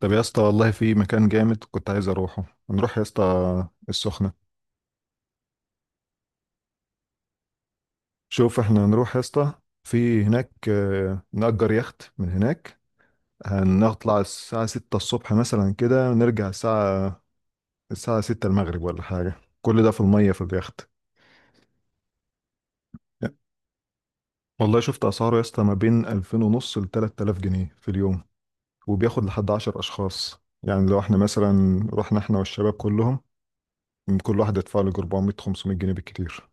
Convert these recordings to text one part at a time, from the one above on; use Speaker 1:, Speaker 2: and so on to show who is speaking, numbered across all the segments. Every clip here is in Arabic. Speaker 1: طب يا اسطى، والله في مكان جامد كنت عايز اروحه. هنروح يا اسطى السخنة. شوف، احنا هنروح يا اسطى في هناك، نأجر يخت من هناك. هنطلع الساعة ستة الصبح مثلا كده، نرجع الساعة ستة المغرب ولا حاجة. كل ده في المية في اليخت. والله شفت أسعاره يا اسطى ما بين ألفين ونص لتلات آلاف جنيه في اليوم، وبياخد لحد عشر أشخاص. يعني لو احنا مثلا رحنا احنا والشباب كلهم، كل واحد يدفع له 400 500 جنيه بالكتير.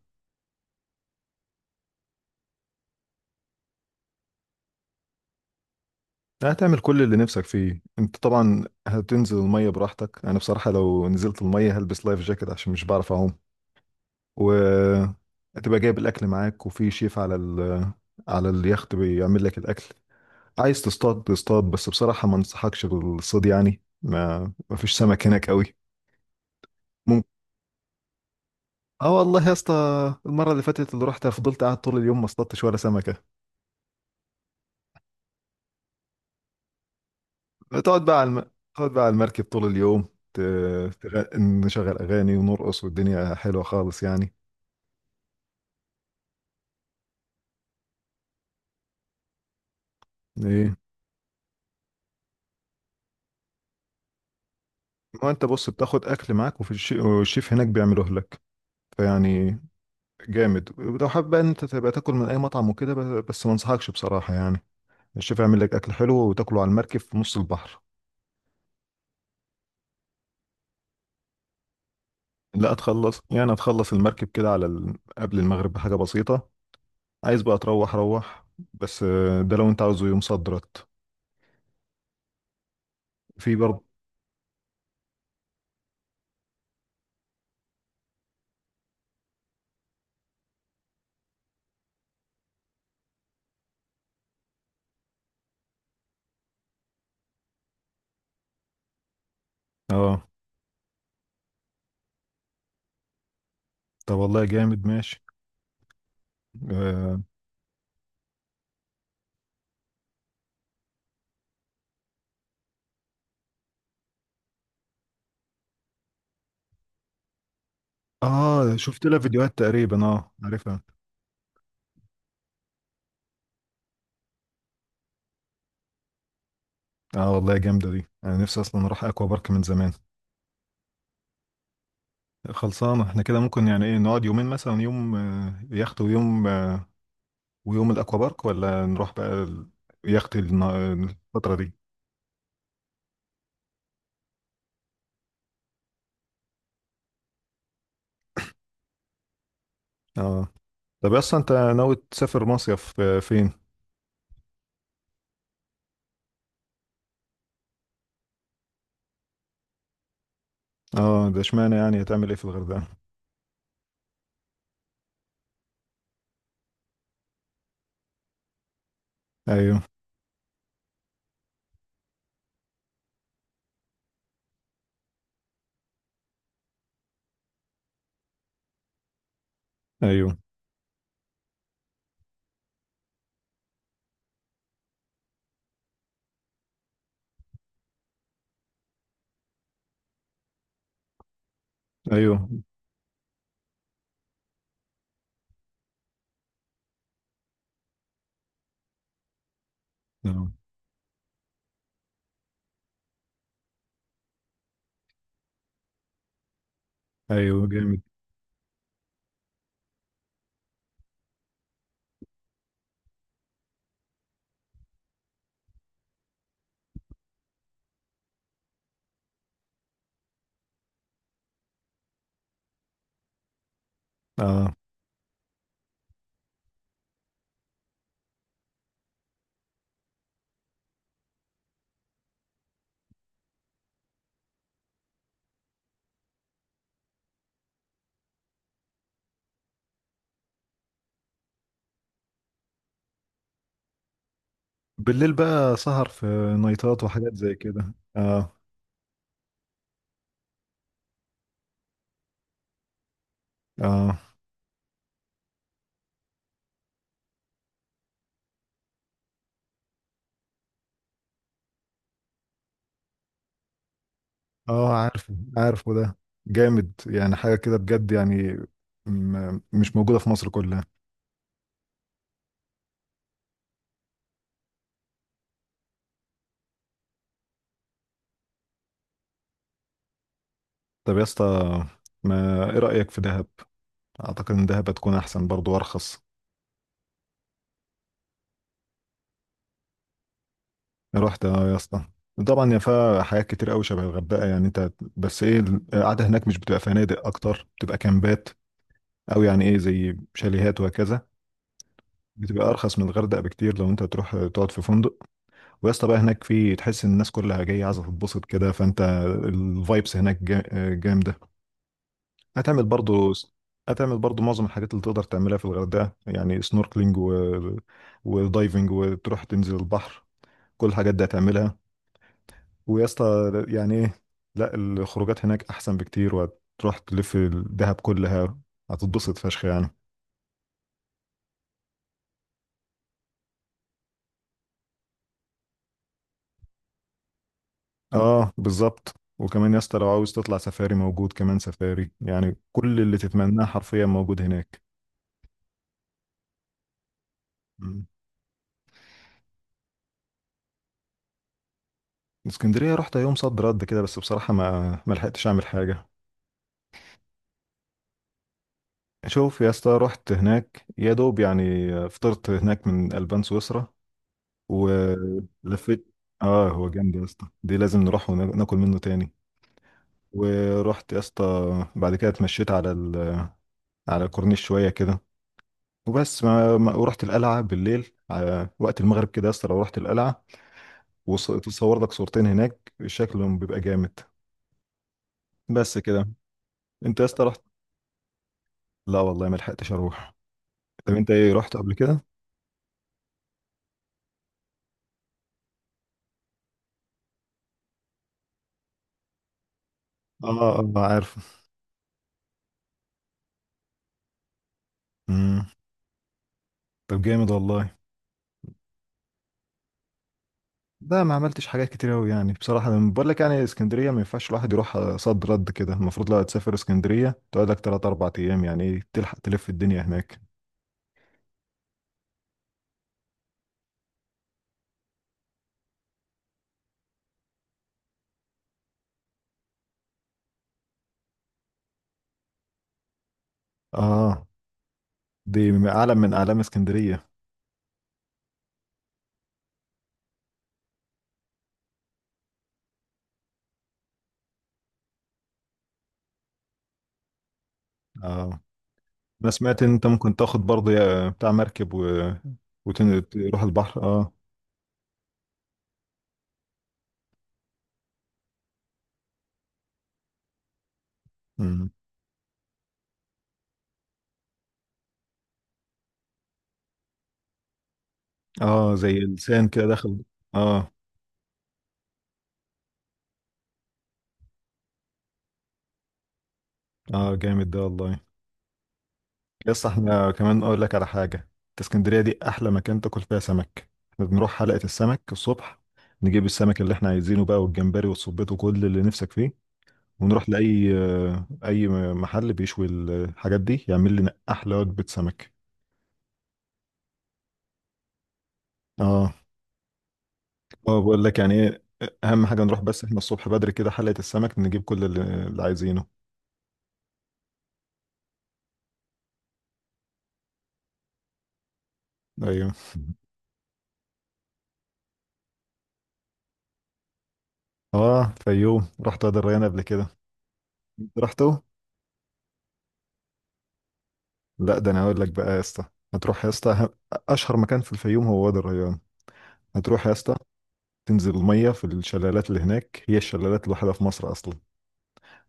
Speaker 1: هتعمل كل اللي نفسك فيه انت طبعا، هتنزل المية براحتك. انا بصراحة لو نزلت المية هلبس لايف جاكيت عشان مش بعرف اعوم. و هتبقى جايب الاكل معاك، وفي شيف على على اليخت بيعمل لك الاكل. عايز تصطاد تصطاد، بس بصراحة ما انصحكش بالصيد، يعني ما فيش سمك هناك قوي. ممكن. اه والله يا اسطى، المرة اللي فاتت اللي رحت فضلت قاعد طول اليوم ما اصطادتش ولا سمكة. تقعد بقى على تقعد بقى على المركب طول اليوم. ت... نشغل اغاني ونرقص والدنيا حلوه خالص يعني. ايه، ما انت بص، بتاخد اكل معاك وفي والشيف هناك بيعمله لك. فيعني جامد. ولو حابب بقى إن انت تبقى تاكل من اي مطعم وكده، بس ما انصحكش بصراحه، يعني الشيف يعمل لك اكل حلو وتاكله على المركب في نص البحر. لا تخلص، يعني هتخلص المركب كده على قبل المغرب بحاجه بسيطه. عايز بقى تروح، روح. بس ده لو انت عاوزه يوم صدرت في برضه. اه طب والله جامد، ماشي. اه شفت لها فيديوهات تقريبا، اه عارفها. اه والله جامده دي، انا نفسي اصلا اروح اكوا بارك من زمان. خلصانه احنا كده. ممكن يعني ايه نقعد يومين مثلا، يوم يخت، ويوم ويوم الاكوا بارك، ولا نروح بقى يخت الفتره دي. اه، طب اصلا انت ناوي تسافر مصيف فين؟ اه ده اشمعنى، يعني هتعمل ايه في الغردقه؟ ايوه. ايوه. ايوه. آه، ايوه جامد. اه بالليل بقى سهر في نايتات وحاجات زي كده، اه. اه اه عارفه، عارفه ده. جامد يعني، حاجة كده بجد يعني، مش موجودة في مصر كلها. طب يا اسطى، ما ايه رأيك في دهب؟ اعتقد ان دهب هتكون احسن برضو وارخص. رحت، اه يا اسطى. طبعا، يا فيها حاجات كتير قوي شبه الغردقة يعني انت. بس ايه، القعدة هناك مش بتبقى فنادق اكتر، بتبقى كامبات، او يعني ايه زي شاليهات وهكذا. بتبقى ارخص من الغردقة بكتير لو انت تروح تقعد في فندق. ويا اسطى بقى هناك، في تحس ان الناس كلها جايه عايزه تتبسط كده، فانت الفايبس هناك جامده. هتعمل برضو. هتعمل برضو معظم الحاجات اللي تقدر تعملها في الغردقه، يعني سنوركلينج ودايفنج، وتروح تنزل البحر. كل الحاجات دي هتعملها. ويا اسطى، يعني ايه، لا، الخروجات هناك احسن بكتير، وهتروح تلف الدهب كلها، هتتبسط فشخ يعني. اه بالظبط. وكمان يا اسطى، لو عاوز تطلع سفاري، موجود كمان سفاري. يعني كل اللي تتمناه حرفيا موجود هناك. اسكندرية رحت يوم صد رد كده، بس بصراحة ما لحقتش أعمل حاجة. شوف يا اسطى، رحت هناك يا دوب يعني. فطرت هناك من ألبان سويسرا ولفيت. اه هو جامد يا اسطى، دي لازم نروح وناكل منه تاني. ورحت يا اسطى بعد كده، اتمشيت على على الكورنيش شوية كده. وبس ما... ما... ورحت القلعة بالليل على وقت المغرب كده. يا اسطى لو رحت القلعة وتصور لك صورتين هناك، شكلهم بيبقى جامد. بس كده. انت يا اسطى رحت؟ لا والله، ما لحقتش اروح. طب انت ايه رحت قبل كده؟ اه. اه عارف. امم طب جامد والله. ده ما عملتش حاجات كتير قوي يعني، بصراحه انا بقول لك يعني اسكندريه ما ينفعش الواحد يروح صد رد كده. المفروض لو هتسافر اسكندريه تقعد لك 3 4 ايام، يعني ايه تلحق تلف الدنيا هناك. اه دي اعلى من اعلام اسكندريه. اه انا سمعت ان انت ممكن تاخد برضه بتاع مركب وتروح البحر، اه. امم اه زي لسان كده داخل. اه. اه جامد ده والله. يس، احنا كمان اقول لك على حاجه. إنت اسكندريه دي احلى مكان تاكل فيها سمك. احنا بنروح حلقه السمك الصبح، نجيب السمك اللي احنا عايزينه بقى، والجمبري والصبيط وكل اللي نفسك فيه، ونروح لاي اي محل بيشوي الحاجات دي، يعمل لنا احلى وجبه سمك. اه. اه بقول لك يعني ايه، اهم حاجه نروح بس احنا الصبح بدري كده حلقه السمك، نجيب كل اللي عايزينه. ايوه. اه فيوم رحت، وادي الريان قبل كده. انت رحته؟ لا، ده انا اقول لك بقى يا اسطى. هتروح يا اسطى اشهر مكان في الفيوم هو وادي الريان. هتروح يا اسطى تنزل الميه في الشلالات اللي هناك، هي الشلالات الوحيده في مصر اصلا.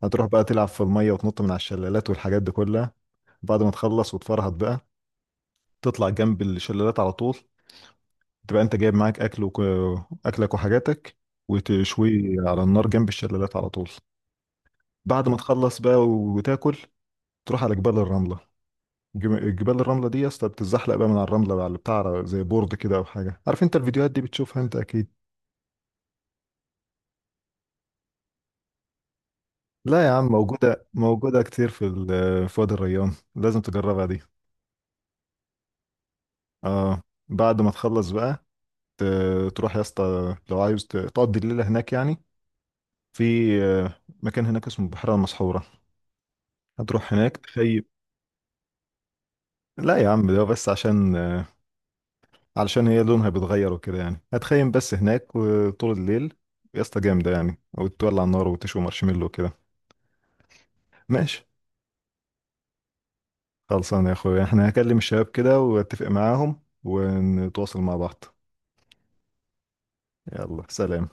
Speaker 1: هتروح بقى تلعب في الميه وتنط من على الشلالات والحاجات دي كلها. بعد ما تخلص وتفرهد بقى، تطلع جنب الشلالات على طول، تبقى انت جايب معاك اكل اكلك وحاجاتك، وتشويه على النار جنب الشلالات على طول. بعد ما تخلص بقى وتاكل، تروح على جبال الرملة. جبال الرملة دي يا اسطى بتتزحلق بقى من على الرملة على بتاع زي بورد كده أو حاجة. عارف أنت الفيديوهات دي بتشوفها أنت أكيد. لا يا عم، موجودة، موجودة كتير في في وادي الريان، لازم تجربها دي. اه. بعد ما تخلص بقى ت- تروح يا اسطى لو عايز تقضي الليلة هناك يعني. في مكان هناك اسمه البحيرة المسحورة، هتروح هناك تخيم. لا يا عم، ده بس عشان علشان هي لونها بيتغير وكده يعني. هتخيم بس هناك، وطول الليل يا اسطى جامدة يعني، وتولع النار وتشوي مارشميلو وكده. ماشي. خلصان يا اخويا، احنا هكلم الشباب كده واتفق معاهم ونتواصل مع بعض. يلا سلام.